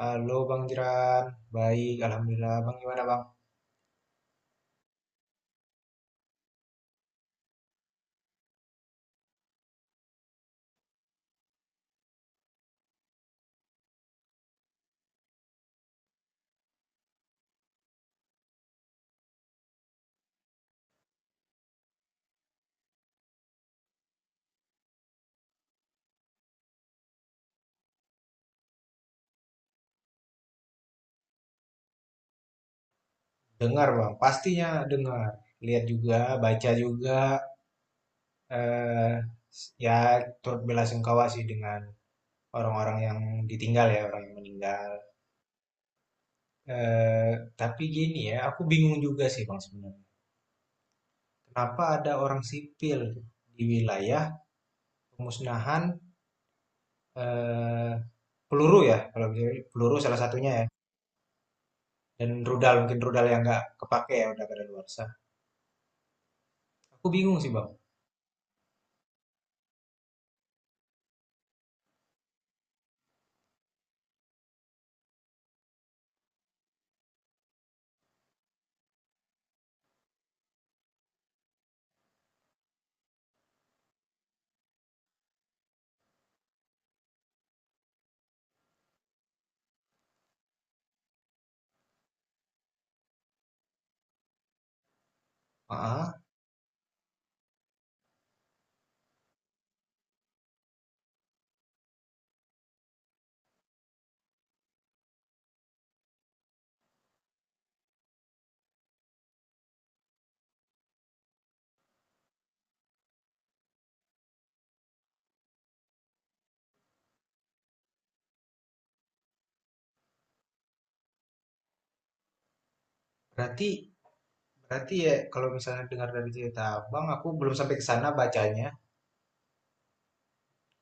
Halo Bang Jeran, baik Alhamdulillah. Bang gimana Bang? Dengar Bang, pastinya dengar. Lihat juga, baca juga. Eh, ya turut bela sungkawa sih dengan orang-orang yang ditinggal ya, orang yang meninggal. Eh, tapi gini ya, aku bingung juga sih Bang sebenarnya. Kenapa ada orang sipil di wilayah pemusnahan, eh, peluru ya, kalau bisa peluru salah satunya ya. Dan rudal, mungkin rudal yang nggak kepake ya, udah kadaluarsa. Aku bingung sih Bang. Ah, Berarti berarti ya kalau misalnya dengar dari cerita Abang, aku belum sampai ke sana bacanya.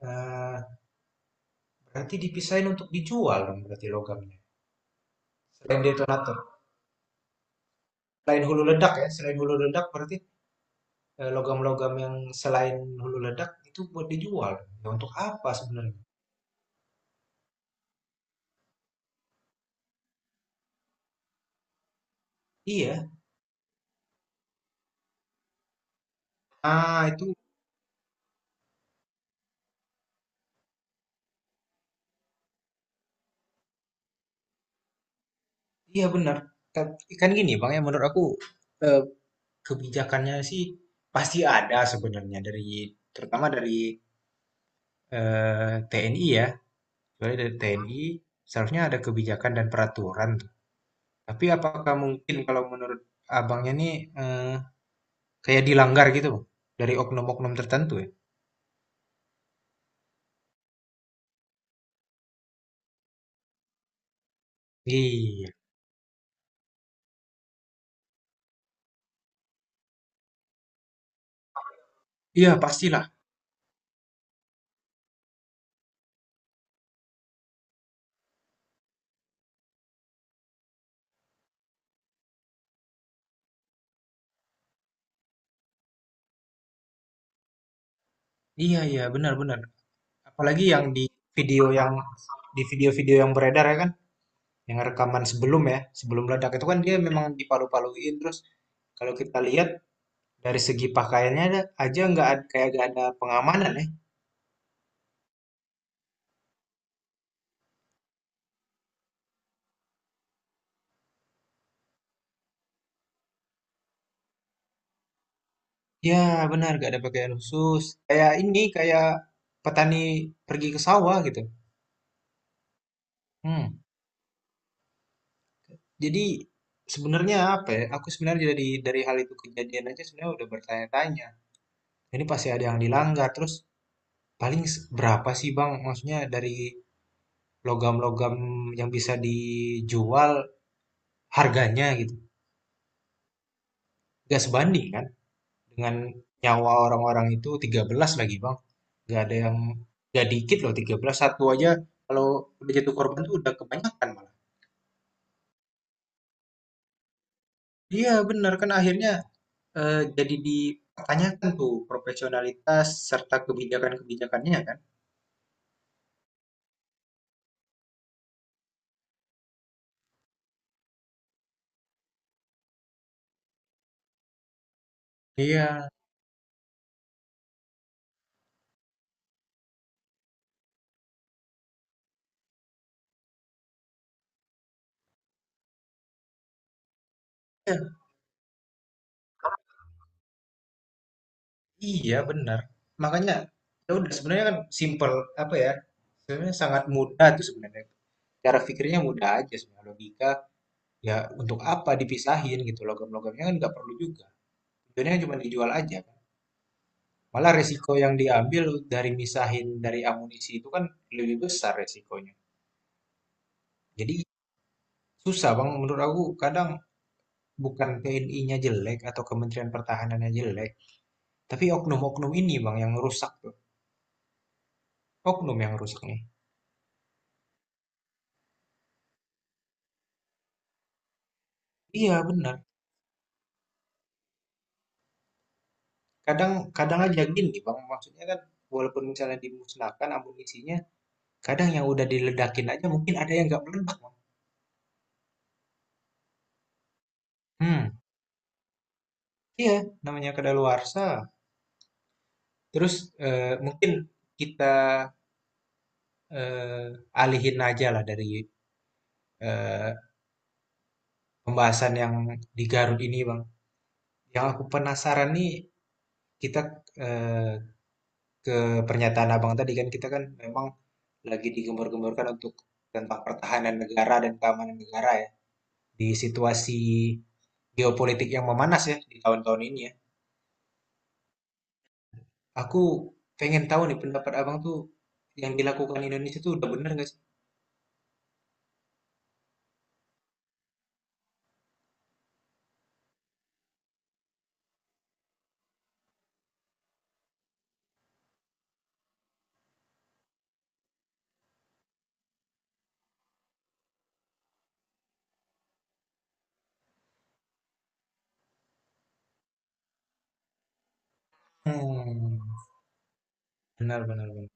Eh, berarti dipisahin untuk dijual dong berarti logamnya. Selain detonator, selain hulu ledak ya, selain hulu ledak berarti, logam-logam yang selain hulu ledak itu buat dijual. Ya, untuk apa sebenarnya? Iya. Ah, itu iya benar. Kan, kan gini Bang ya menurut aku, eh, kebijakannya sih pasti ada sebenarnya dari, terutama dari TNI ya. Kecuali dari TNI, seharusnya ada kebijakan dan peraturan. Tapi apakah mungkin kalau menurut abangnya nih, eh, kayak dilanggar gitu Bang? Dari oknum-oknum tertentu ya? Iya, iya pastilah. Iya iya benar-benar. Apalagi yang video yang di video-video yang beredar ya kan, yang rekaman sebelum ledak itu kan dia memang dipalu-paluin terus, kalau kita lihat dari segi pakaiannya, aja nggak kayak nggak ada pengamanan ya. Ya, benar, gak ada pakaian khusus. Kayak ini, kayak petani pergi ke sawah gitu. Hmm. Jadi sebenarnya apa ya? Aku sebenarnya dari hal itu kejadian aja sebenarnya udah bertanya-tanya. Ini pasti ada yang dilanggar. Terus paling, berapa sih Bang? Maksudnya dari logam-logam yang bisa dijual harganya gitu. Gak sebanding kan? Dengan nyawa orang-orang itu, 13 lagi bang. Nggak ada yang, nggak dikit loh 13 satu aja, kalau udah jatuh korban tuh udah kebanyakan malah. Iya benar kan, akhirnya jadi dipertanyakan tuh profesionalitas serta kebijakan-kebijakannya kan. Iya, iya, iya benar. Makanya ya udah sebenarnya kan simple, apa ya, sebenarnya sangat mudah tuh sebenarnya, cara pikirnya mudah aja sebenarnya, logika. Ya untuk apa dipisahin gitu logam-logamnya, kan nggak perlu juga. Tujuannya cuma dijual aja kan. Malah resiko yang diambil dari misahin dari amunisi itu kan lebih besar resikonya. Jadi susah Bang menurut aku, kadang bukan TNI-nya jelek atau Kementerian Pertahanannya jelek, tapi oknum-oknum ini Bang yang rusak tuh. Oknum yang rusak nih. Iya benar. Kadang kadang aja gini Bang, maksudnya kan walaupun misalnya dimusnahkan amunisinya, kadang yang udah diledakin aja mungkin ada yang nggak meledak Bang. Hmm, iya namanya kedaluarsa. Terus mungkin kita eh, alihin aja lah dari eh, pembahasan yang di Garut ini, Bang. Yang aku penasaran nih, kita, eh, ke pernyataan Abang tadi kan, kita kan memang lagi digembar-gemborkan untuk tentang pertahanan negara dan keamanan negara ya, di situasi geopolitik yang memanas ya di tahun-tahun ini ya. Aku pengen tahu nih pendapat Abang tuh yang dilakukan Indonesia tuh udah bener nggak sih? Hmm, benar benar benar.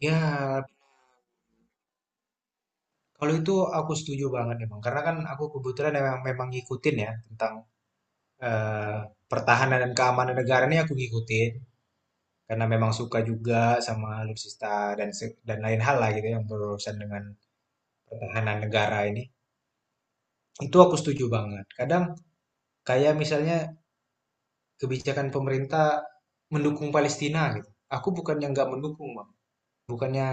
Ya. Kalau itu aku setuju banget emang, karena kan aku kebetulan memang ngikutin ya tentang, eh, pertahanan dan keamanan negara ini aku ngikutin karena memang suka juga sama alutsista dan lain hal lah gitu yang berurusan dengan pertahanan negara ini. Itu aku setuju banget. Kadang kayak misalnya kebijakan pemerintah mendukung Palestina gitu. Aku bukannya nggak mendukung, Bang. Bukannya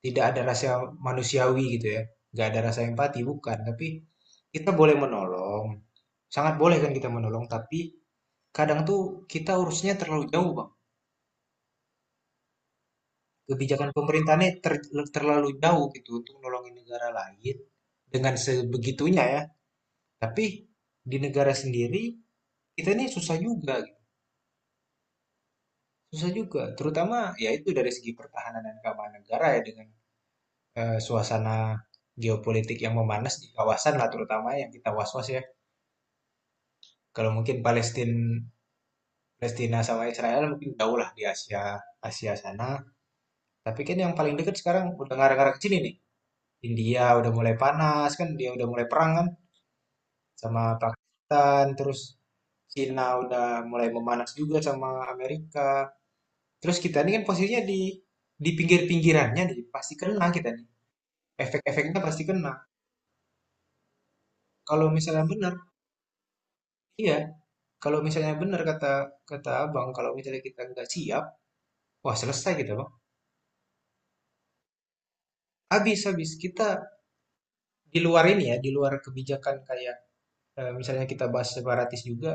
tidak ada rasa manusiawi gitu ya, nggak ada rasa empati, bukan. Tapi kita boleh menolong, sangat boleh kan kita menolong, tapi kadang tuh kita urusnya terlalu jauh, Bang. Kebijakan pemerintahnya terlalu jauh gitu untuk nolongin negara lain dengan sebegitunya ya. Tapi di negara sendiri kita ini susah juga, gitu. Susah juga. Terutama ya itu dari segi pertahanan dan keamanan negara ya, dengan suasana geopolitik yang memanas di kawasan lah, terutama yang kita was-was ya. Kalau mungkin Palestina Palestina sama Israel mungkin jauh lah di Asia Asia sana. Tapi kan yang paling dekat sekarang udah ngarah-ngarah ke sini nih. India udah mulai panas kan, dia udah mulai perang kan sama Pakistan, terus Cina udah mulai memanas juga sama Amerika. Terus kita ini kan posisinya di pinggir-pinggirannya nih, pasti kena kita nih. Efek-efeknya pasti kena. Kalau misalnya benar, iya. Kalau misalnya benar kata kata Abang, kalau misalnya kita nggak siap, wah selesai kita Bang. Habis habis kita di luar ini ya, di luar kebijakan kayak, misalnya kita bahas separatis juga,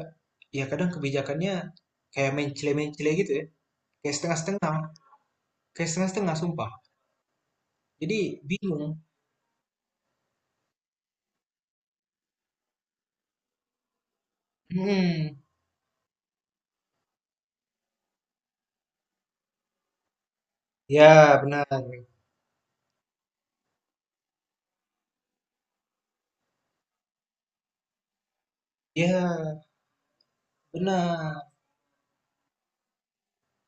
ya kadang kebijakannya kayak mencele-mencele gitu ya, kayak setengah-setengah, kayak setengah-setengah sumpah. Jadi bingung. Hmm, ya benar, ya benar.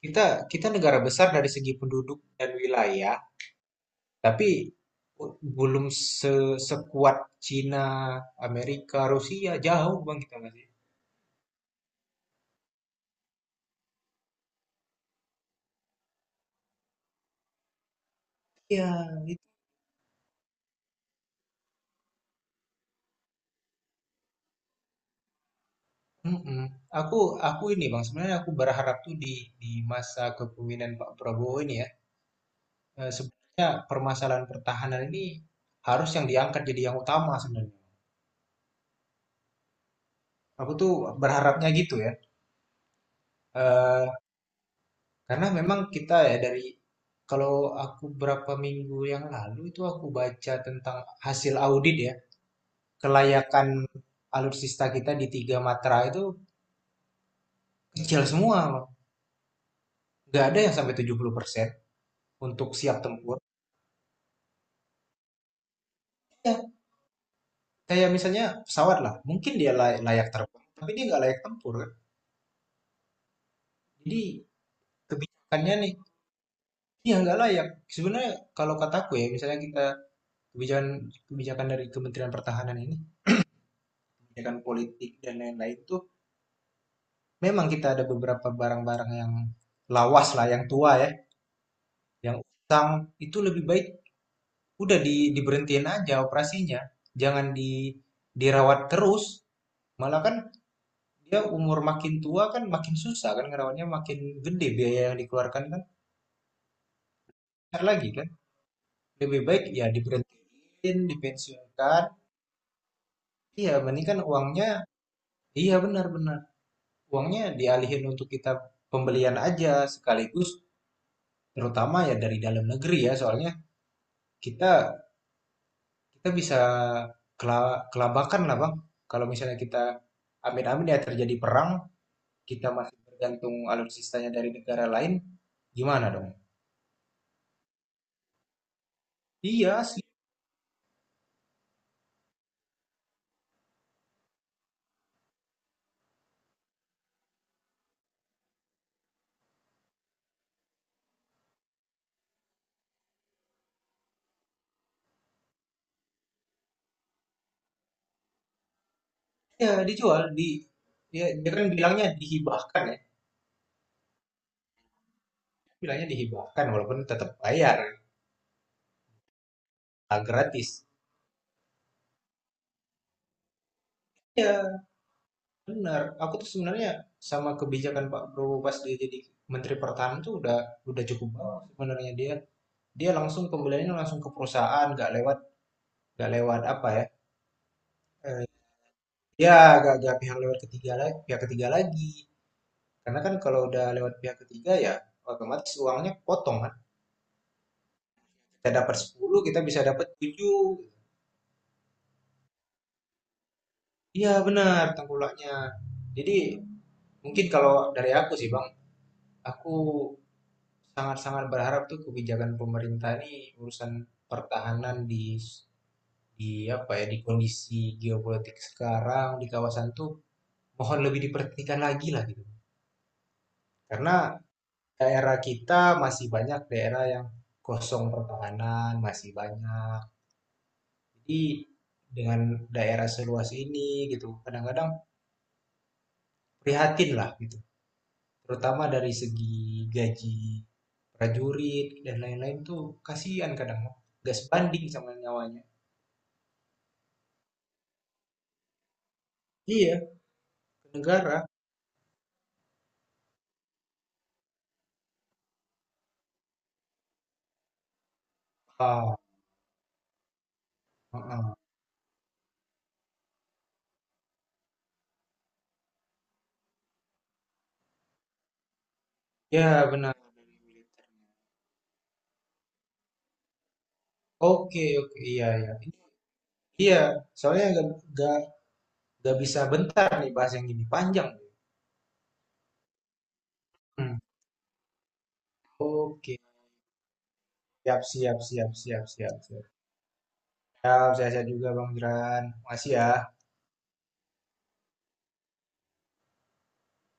Kita kita negara besar dari segi penduduk dan wilayah, tapi belum sekuat Cina, Amerika, Rusia, jauh Bang kita masih. Ya. Mhm. Aku aku ini Bang, sebenarnya aku berharap tuh di masa kepemimpinan Pak Prabowo ini ya, sebenarnya permasalahan pertahanan ini harus yang diangkat jadi yang utama sebenarnya. Aku tuh berharapnya gitu ya. Eh, karena memang kita ya dari, kalau aku berapa minggu yang lalu itu aku baca tentang hasil audit ya, kelayakan alutsista kita di tiga matra itu kecil semua, Bang. Nggak ada yang sampai 70% untuk siap tempur. Ya, kayak misalnya pesawat lah mungkin dia layak terbang tapi dia nggak layak tempur kan. Jadi kebijakannya nih dia nggak layak sebenarnya, kalau kataku ya misalnya kita kebijakan kebijakan dari Kementerian Pertahanan ini, kebijakan politik dan lain-lain itu, memang kita ada beberapa barang-barang yang lawas lah yang tua ya yang utang itu lebih baik udah diberhentiin aja operasinya, jangan dirawat terus, malah kan dia umur makin tua kan makin susah kan ngerawannya makin gede biaya yang dikeluarkan kan besar lagi kan, lebih baik ya diberhentiin dipensiunkan. Iya mending kan uangnya. Iya benar-benar uangnya dialihin untuk kita pembelian aja sekaligus, terutama ya dari dalam negeri ya soalnya kita kita bisa kelabakan lah Bang, kalau misalnya kita amin-amin ya terjadi perang kita masih bergantung alutsistanya dari negara lain, gimana dong. Iya, ya dijual ya dia kan bilangnya dihibahkan ya. Bilangnya dihibahkan walaupun tetap bayar, nggak gratis. Ya benar. Aku tuh sebenarnya sama kebijakan Pak Prabowo pas dia jadi Menteri Pertahanan tuh udah cukup banget sebenarnya dia. Dia langsung pembeliannya langsung ke perusahaan, nggak lewat, apa ya? Eh, ya, nggak pihak lewat ketiga lagi, pihak ketiga lagi. Karena kan kalau udah lewat pihak ketiga ya otomatis uangnya potong kan. Kita dapat 10, kita bisa dapat tujuh. Iya benar tengkulaknya. Jadi mungkin kalau dari aku sih Bang, aku sangat-sangat berharap tuh kebijakan pemerintah ini, urusan pertahanan di apa ya, di kondisi geopolitik sekarang di kawasan tuh mohon lebih diperhatikan lagi lah gitu. Karena daerah kita masih banyak daerah yang kosong pertahanan, masih banyak. Jadi dengan daerah seluas ini gitu, kadang-kadang prihatin lah gitu, terutama dari segi gaji prajurit dan lain-lain tuh kasihan kadang gas banding sama nyawanya. Iya. Negara. Ah, heeh. Ya benar. Oke, oke, iya, iya, iya soalnya gak, gak bisa bentar nih bahas yang gini panjang. Hmm, oke. Siap siap siap siap siap siap. Siap saya juga Bang Jiran, makasih ya.